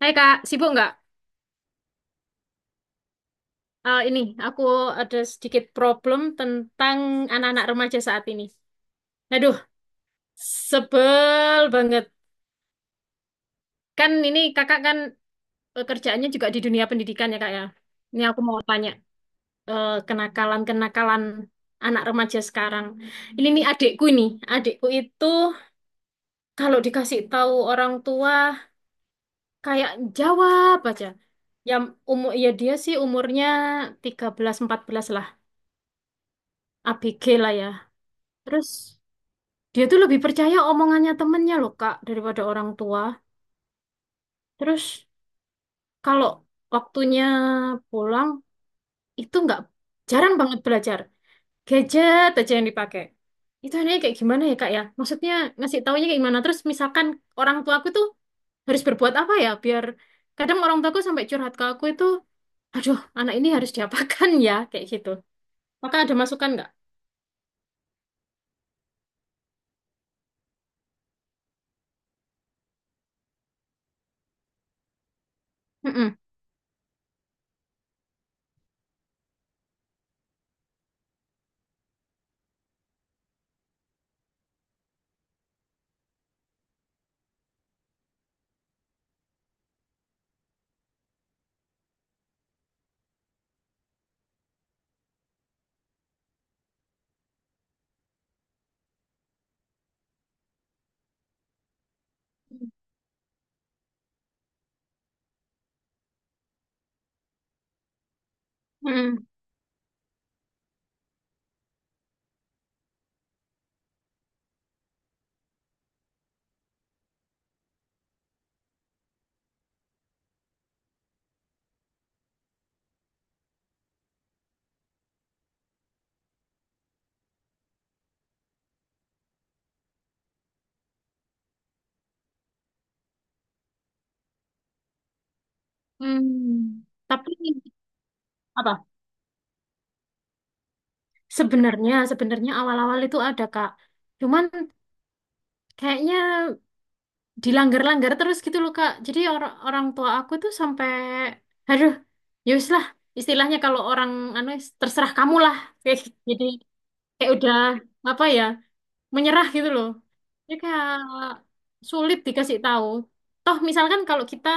Hai Kak, sibuk nggak? Eh, ini, aku ada sedikit problem tentang anak-anak remaja saat ini. Aduh, sebel banget. Kan ini kakak kan kerjaannya juga di dunia pendidikan ya kak ya. Ini aku mau tanya, kenakalan-kenakalan anak remaja sekarang. Ini nih adikku ini, adikku itu kalau dikasih tahu orang tua kayak jawab aja. Yang umur ya dia sih umurnya 13-14 lah, ABG lah ya. Terus dia tuh lebih percaya omongannya temennya loh, Kak, daripada orang tua. Terus kalau waktunya pulang, itu nggak jarang banget belajar. Gadget aja yang dipakai. Itu anehnya kayak gimana ya, Kak ya? Maksudnya ngasih taunya kayak gimana? Terus misalkan orang tua aku tuh harus berbuat apa ya biar kadang orang tuaku sampai curhat ke aku itu, aduh, anak ini harus diapakan ya kayak gitu. Maka ada masukan nggak? Mm-mm. Mm-mm. Hmm. Tapi apa? Sebenarnya, sebenarnya awal-awal itu ada, Kak. Cuman kayaknya dilanggar-langgar terus gitu loh, Kak. Jadi orang orang tua aku tuh sampai aduh, ya wis lah. Istilahnya kalau orang anu terserah kamu lah. Kayak gitu. Jadi kayak udah apa ya, menyerah gitu loh. Jadi kayak sulit dikasih tahu. Toh misalkan kalau kita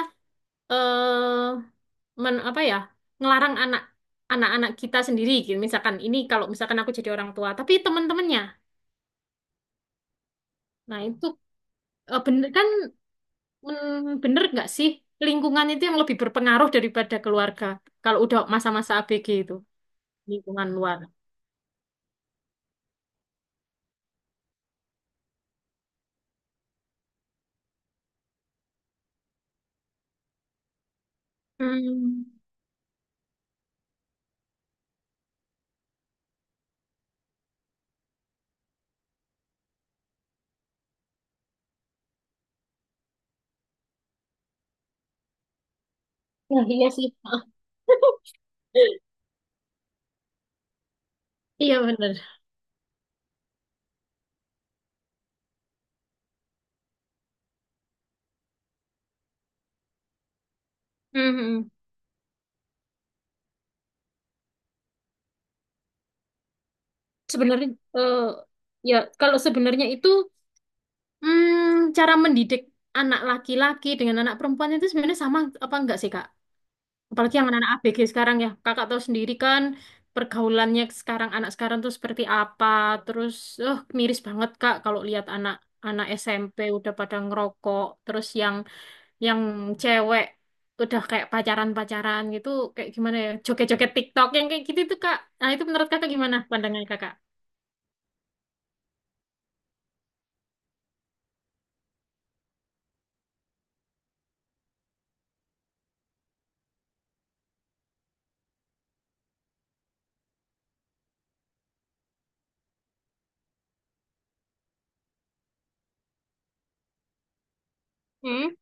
eh men, apa ya, ngelarang anak anak-anak kita sendiri gitu. Misalkan ini kalau misalkan aku jadi orang tua, tapi teman-temannya. Nah, itu bener kan bener nggak sih lingkungan itu yang lebih berpengaruh daripada keluarga kalau udah masa-masa ABG itu lingkungan luar. Hmm. Nah, iya sih. Iya bener. Mhm. Sebenarnya eh, ya kalau sebenarnya itu cara mendidik anak laki-laki dengan anak perempuan itu sebenarnya sama apa enggak sih Kak? Apalagi yang anak-anak ABG sekarang ya. Kakak tahu sendiri kan pergaulannya sekarang anak sekarang tuh seperti apa. Terus miris banget Kak kalau lihat anak-anak SMP udah pada ngerokok, terus yang cewek udah kayak pacaran-pacaran gitu kayak gimana ya? Joget-joget TikTok yang kayak gitu tuh Kak. Nah, itu menurut Kakak, gimana pandangan Kakak? Hmm,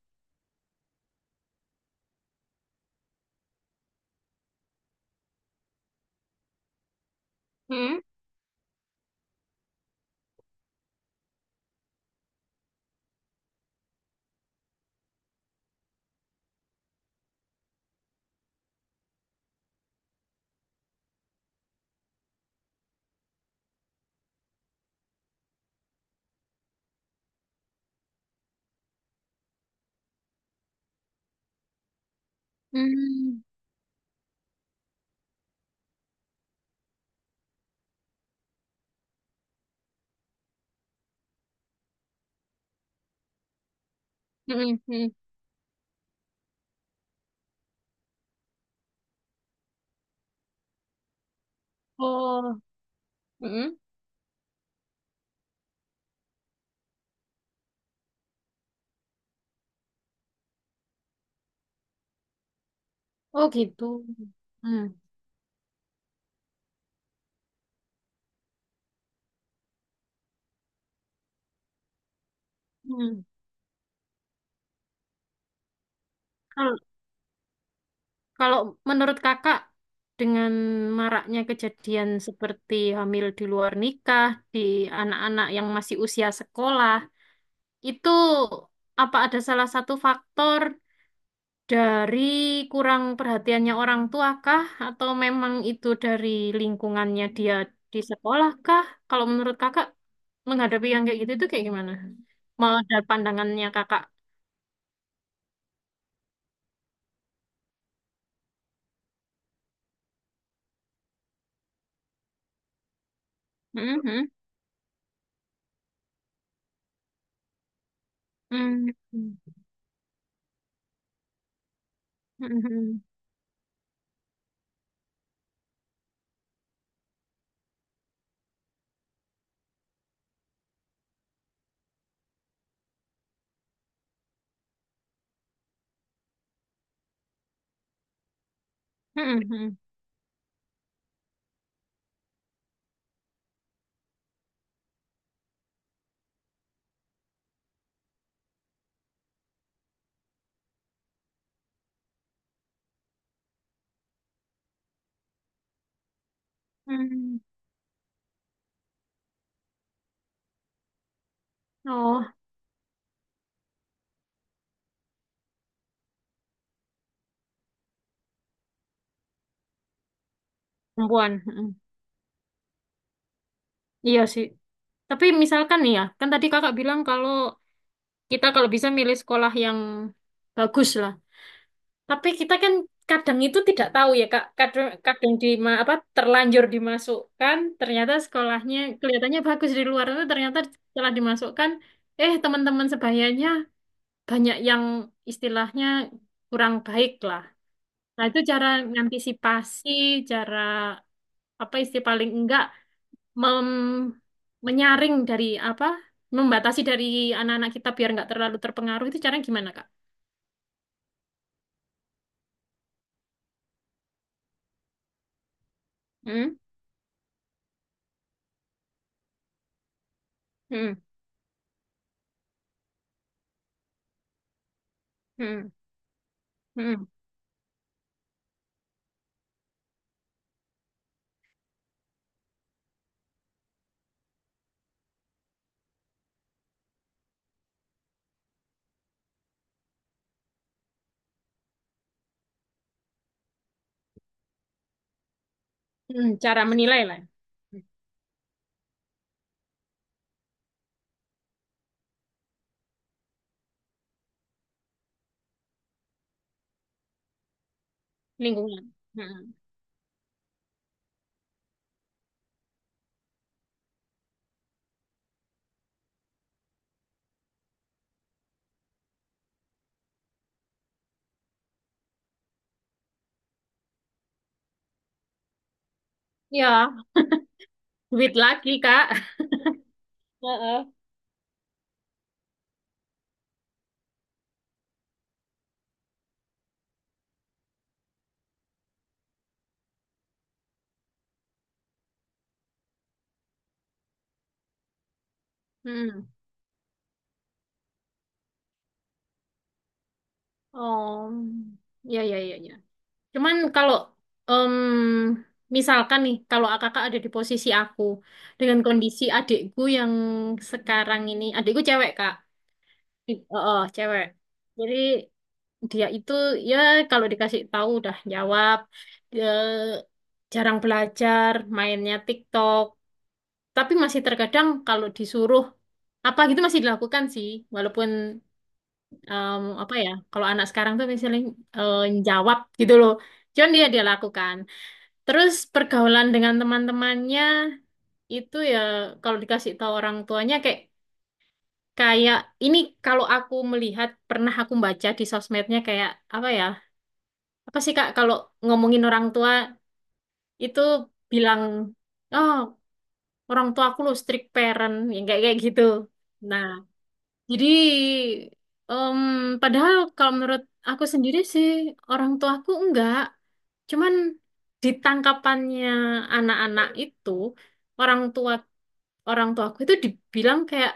hmm, Hmm. hmm, hmm, hmm. Oh, hmm. Oh gitu. Hmm. Hmm. Kalau menurut kakak, dengan maraknya kejadian seperti hamil di luar nikah, di anak-anak yang masih usia sekolah, itu apa ada salah satu faktor dari kurang perhatiannya orang tua kah? Atau memang itu dari lingkungannya dia di sekolah kah? Kalau menurut kakak, menghadapi yang kayak gitu itu kayak gimana? Mau ada pandangannya kakak? Mhm. Mhm. Mhm. Mhm. Mhm. Mhm. Oh. Perempuan. Mm. Iya sih. Tapi misalkan nih ya, kan tadi kakak bilang kalau kita kalau bisa milih sekolah yang bagus lah. Tapi kita kan kadang itu tidak tahu ya kak. Kadang, kadang di apa terlanjur dimasukkan, ternyata sekolahnya kelihatannya bagus di luar, tapi ternyata setelah dimasukkan, eh teman-teman sebayanya banyak yang istilahnya kurang baik lah. Nah itu cara ngantisipasi, cara apa istilah paling enggak mem- menyaring dari apa membatasi dari anak-anak kita biar nggak terlalu terpengaruh itu caranya gimana Kak? Hmm? Hmm. Hmm. Hmm. Hmm. Cara menilai lah lingkungan. Hmm. Ya, duit lagi Kak. Heeh. Hmm. Oh, ya ya ya ya. Cuman kalau em, misalkan nih, kalau kakak ada di posisi aku dengan kondisi adikku yang sekarang ini, adikku cewek Kak. Oh cewek. Jadi dia itu ya kalau dikasih tahu udah jawab. Dia jarang belajar mainnya TikTok tapi masih terkadang kalau disuruh apa gitu masih dilakukan sih walaupun apa ya kalau anak sekarang tuh misalnya eh, jawab gitu loh cuman dia dia lakukan terus pergaulan dengan teman-temannya itu ya kalau dikasih tahu orang tuanya kayak kayak ini kalau aku melihat pernah aku baca di sosmednya kayak apa ya apa sih Kak kalau ngomongin orang tua itu bilang oh orang tua aku lo strict parent yang kayak kayak gitu. Nah, jadi em, padahal kalau menurut aku sendiri sih orang tuaku enggak, cuman di tangkapannya anak-anak itu orang tua orang tuaku itu dibilang kayak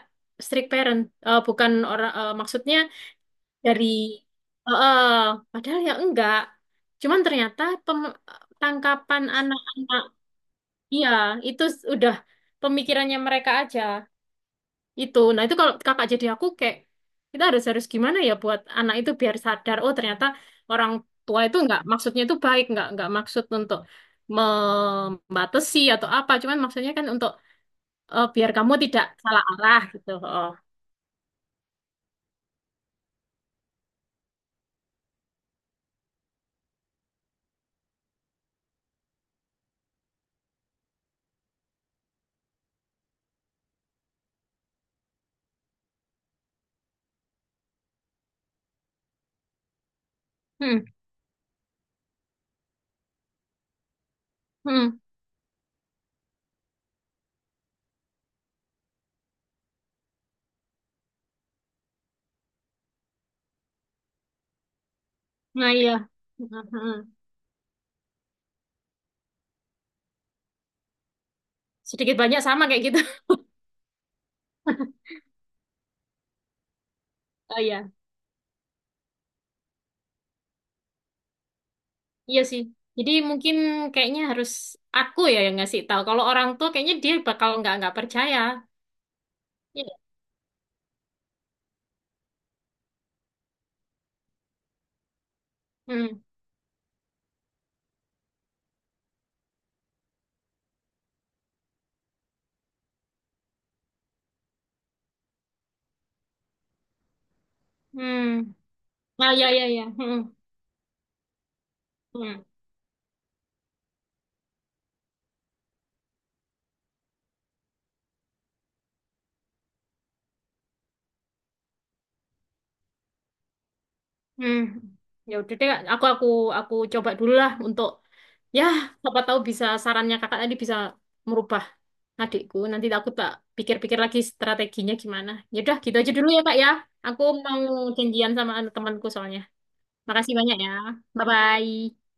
strict parent. Bukan orang maksudnya dari eh, padahal ya enggak cuman ternyata tangkapan anak-anak iya itu udah pemikirannya mereka aja itu nah itu kalau kakak jadi aku kayak kita harus harus gimana ya buat anak itu biar sadar oh ternyata orang tua itu enggak maksudnya itu baik enggak maksud untuk membatasi atau apa cuman maksudnya kan untuk biar kamu tidak salah arah gitu. Oh hmm, hmm. Nah iya. Hmm, hmm. Sedikit banyak sama kayak gitu. Oh iya. Iya sih. Jadi mungkin kayaknya harus aku ya yang ngasih tahu. Kalau orang tua kayaknya dia bakal nggak percaya. Iya. Hmm. Hmm. Ah ya ya ya. Hmm. Hmm. Hmm. Ya udah deh, Kak. Aku aku coba dulu lah untuk ya siapa tahu bisa sarannya kakak tadi bisa merubah adikku. Nanti aku tak pikir-pikir lagi strateginya gimana. Ya udah gitu aja dulu ya Kak ya. Aku mau janjian sama anu temanku soalnya. Makasih banyak ya. Bye bye.